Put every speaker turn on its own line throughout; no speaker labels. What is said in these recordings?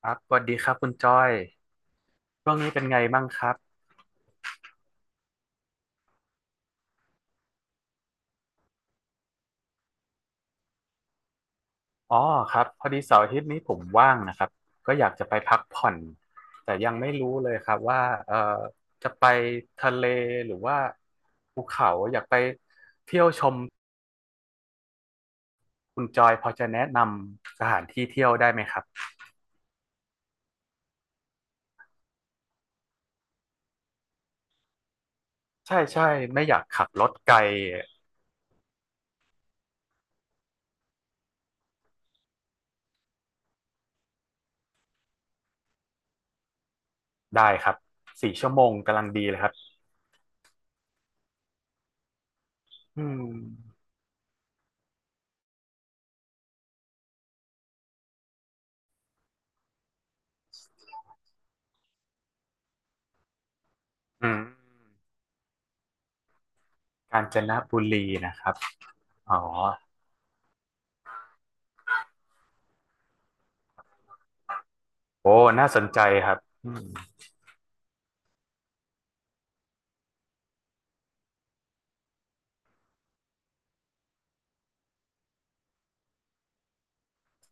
ครับสวัสดีครับคุณจ้อยช่วงนี้เป็นไงบ้างครับอ๋อครับพอดีเสาร์อาทิตย์นี้ผมว่างนะครับก็อยากจะไปพักผ่อนแต่ยังไม่รู้เลยครับว่าเอ่อจะไปทะเลหรือว่าภูเขาอยากไปเที่ยวชมคุณจอยพอจะแนะนำสถานที่เที่ยวได้ไหมครับใช่ใช่ไม่อยากขับรถไกลได้ครับ4 ชั่วโมงกำลังดีเลยครับอืมอืมกาญจนบุรีนะครับอ๋อโอ้น่าสนใจครับอืม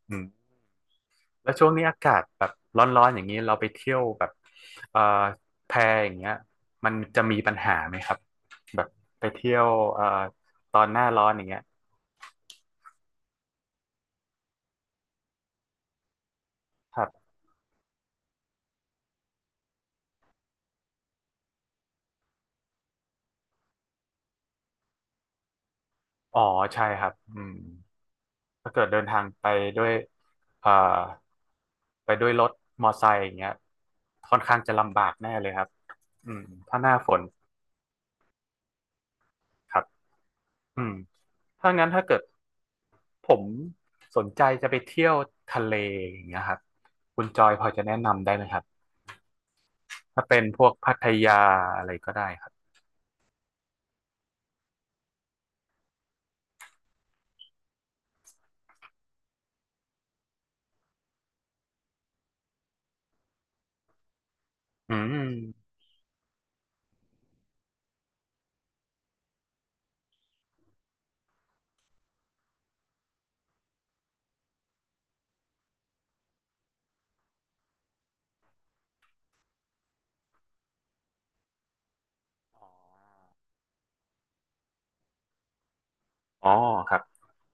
อืมแล้วช่วงนี้อากาศแบบร้อนๆอย่างนี้เราไปเที่ยวแบบเอ่อแพอย่างเงี้ยมันจะมีปัญหาไหมครับแบบไปเที่ยวเอ่อตอนหน้าร้อนอย่างเงี้ยครับอ๋อใช่ครับอืมถ้าเกิดเดินทางไปด้วยเอ่อไปด้วยรถมอไซค์อย่างเงี้ยค่อนข้างจะลำบากแน่เลยครับอืมถ้าหน้าฝนครับ อืมถ้างั้นถ้าเกิดผมสนใจจะไปเที่ยวทะเลอย่างเงี้ยครับคุณจอยพอจะแนะนำได้ไหมครับถ้าเป็นพวกพัทยาอะไรก็ได้ครับอืมอ๋อครับ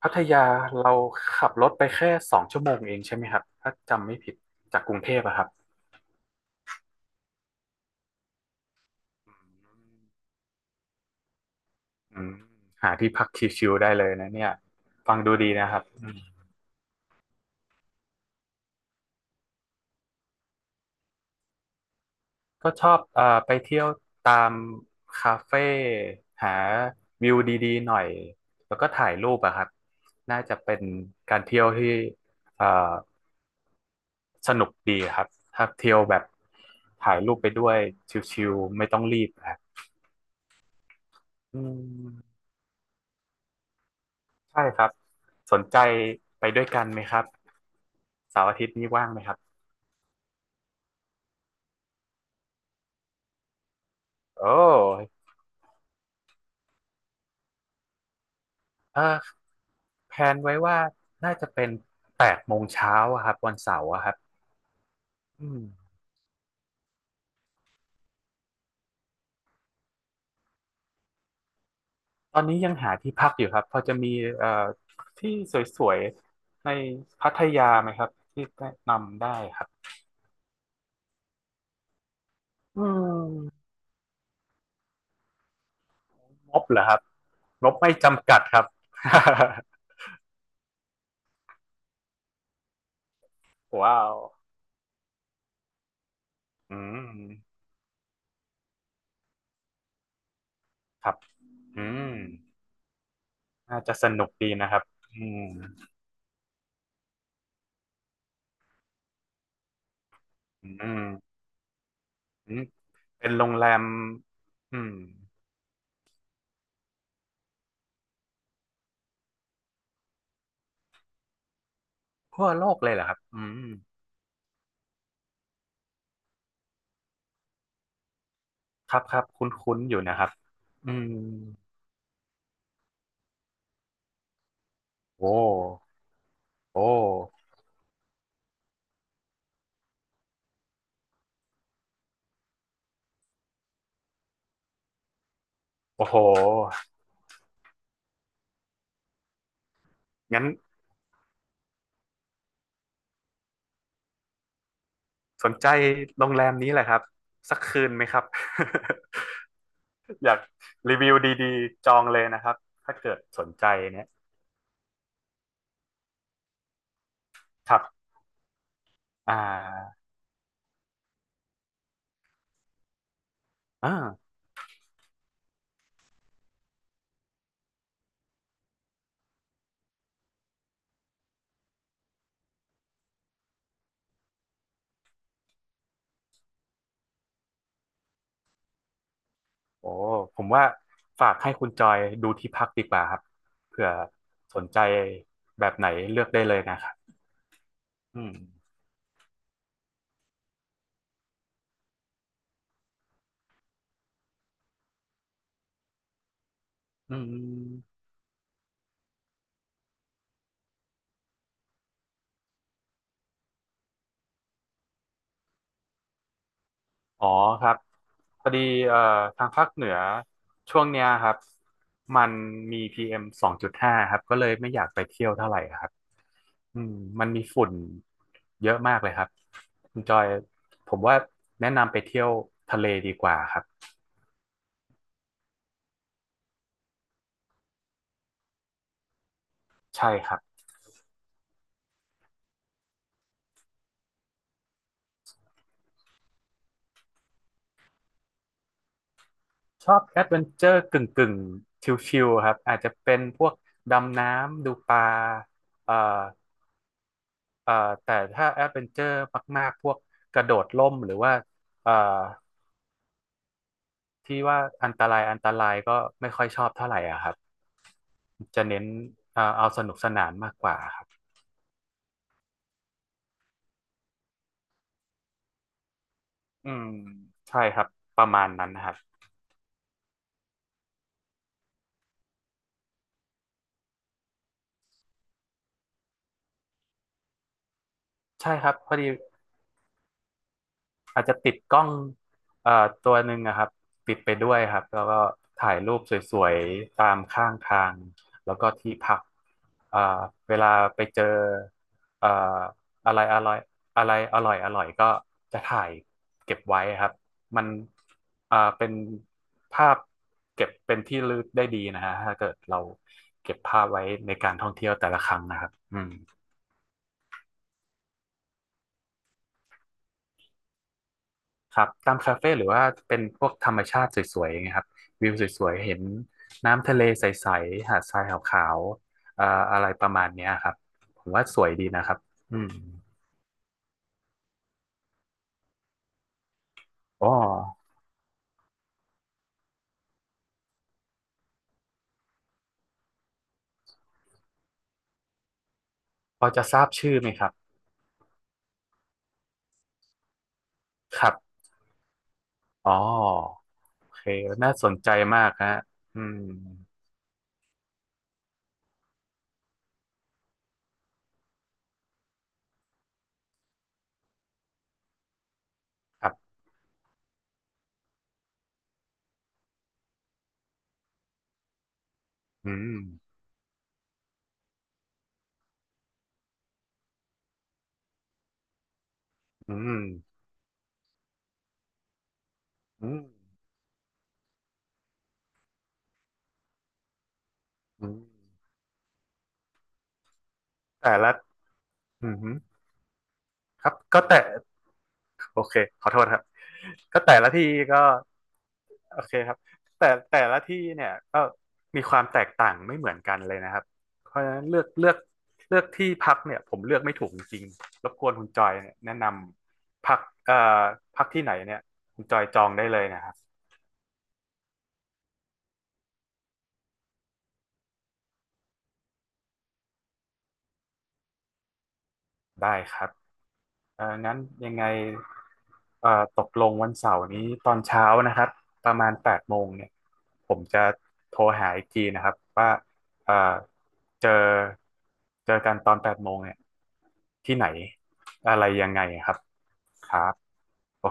พัทยาเราขับรถไปแค่2 ชั่วโมงเองใช่ไหมครับถ้าจำไม่ผิดจากกรุงเทพอะครับอืมอืมหาที่พักชิลๆได้เลยนะเนี่ยฟังดูดีนะครับ ก็ชอบไปเที่ยวตามคาเฟ่หาวิวดีๆหน่อยแล้วก็ถ่ายรูปอะครับน่าจะเป็นการเที่ยวที่เอ่อสนุกดีครับถ้าเที่ยวแบบถ่ายรูปไปด้วยชิลๆไม่ต้องรีบครับอืมใช่ครับสนใจไปด้วยกันไหมครับเสาร์อาทิตย์นี้ว่างไหมครับโอ้เออแพลนไว้ว่าน่าจะเป็น8 โมงเช้าอะครับวันเสาร์อะครับอืม ตอนนี้ยังหาที่พักอยู่ครับพอจะมีเอ่อที่สวยๆในพัทยาไหมครับที่แนะนำได้ครับอืมงบเหรอครับงบไม่จำกัดครับ ว้าวอืมครับอืมน่าจะสนุกดีนะครับอืมอืมอืมเป็นโรงแรมอืมทั่วโลกเลยเหรอครับอืมครับครับคุ้นๆอยู่นะครับอืมโอ้โอ้โอ้โหงั้น สนใจโรงแรมนี้แหละครับสักคืนไหมครับ อยากรีวิวดีๆจองเลยนะครับถ้าเกิดสนใจเนี่ยครับอ่าอ่าโอ้ผมว่าฝากให้คุณจอยดูที่พักดีกว่าครับเผื่อสนใจแบบไหนเลือกได้เลยนะครับอืมอืม อ๋อครับพอดีเอ่อทางภาคเหนือช่วงเนี้ยครับมันมีPM2.5ครับก็เลยไม่อยากไปเที่ยวเท่าไหร่ครับอืมมันมีฝุ่นเยอะมากเลยครับคุณจอยผมว่าแนะนำไปเที่ยวทะเลดีกว่าครับใช่ครับชอบแอดเวนเจอร์กึ่งกึ่งชิลๆครับอาจจะเป็นพวกดำน้ำดูปลาเอ่อเอ่อแต่ถ้าแอดเวนเจอร์มากๆพวกกระโดดร่มหรือว่าเอ่อ ที่ว่าอันตรายอันตรายก็ไม่ค่อยชอบเท่าไหร่อ่ะครับจะเน้นเอาสนุกสนานมากกว่าครับอืมใช่ครับประมาณนั้นนะครับใช่ครับพอดี อาจจะติดกล้องตัวหนึ่งอะครับติดไปด้วยครับแล้วก็ถ่ายรูปสวยๆตามข้างทางแล้วก็ที่พักเอ่อเวลาไปเจอเอ่ออะไรอร่อยอะไรอร่อยอร่อยก็จะถ่ายเก็บไว้ครับมันเป็นภาพเก็บเป็นที่ระลึกได้ดีนะฮะถ้าเกิดเราเก็บภาพไว้ในการท่องเที่ยวแต่ละครั้งนะครับอืม ครับตามคาเฟ่หรือว่าเป็นพวกธรรมชาติสวยๆอย่างเงี้ยครับวิวสวยๆเห็นน้ำทะเลใสๆหาดทรายขาวๆอะไรประมาณเนี้ยครับผมว่าสวยดีนะครับอืมอ๋อพอจะทราบชื่อไหมครับครับอ๋อโอเคน่าสนใจมากฮะอืมครับอืมอืมอืมอืมแต่ละอืมครับก็แต่โอเคขอโทษครับก็แต่ละที่ก็ โอเคครับ แต่ละที่เนี่ยก็มีความแตกต่างไม่เหมือนกันเลยนะครับ เพราะฉะนั้นเลือกที่พักเนี่ยผมเลือกไม่ถูกจริงๆรบกวนคุณจอยเนี่ยแนะนำพักเอ่อพักที่ไหนเนี่ยคุณจอยจองได้เลยนะครับ ได้ครับ เอ่องั้นยังไงเอ่อตกลงวันเสาร์นี้ตอนเช้านะครับประมาณแปดโมงเนี่ยผมจะโทรหาอีกทีนะครับว่าเอ่อเจอเจอกันตอนแปดโมงเนี่ยที่ไหนอะไรยังไงครับครับ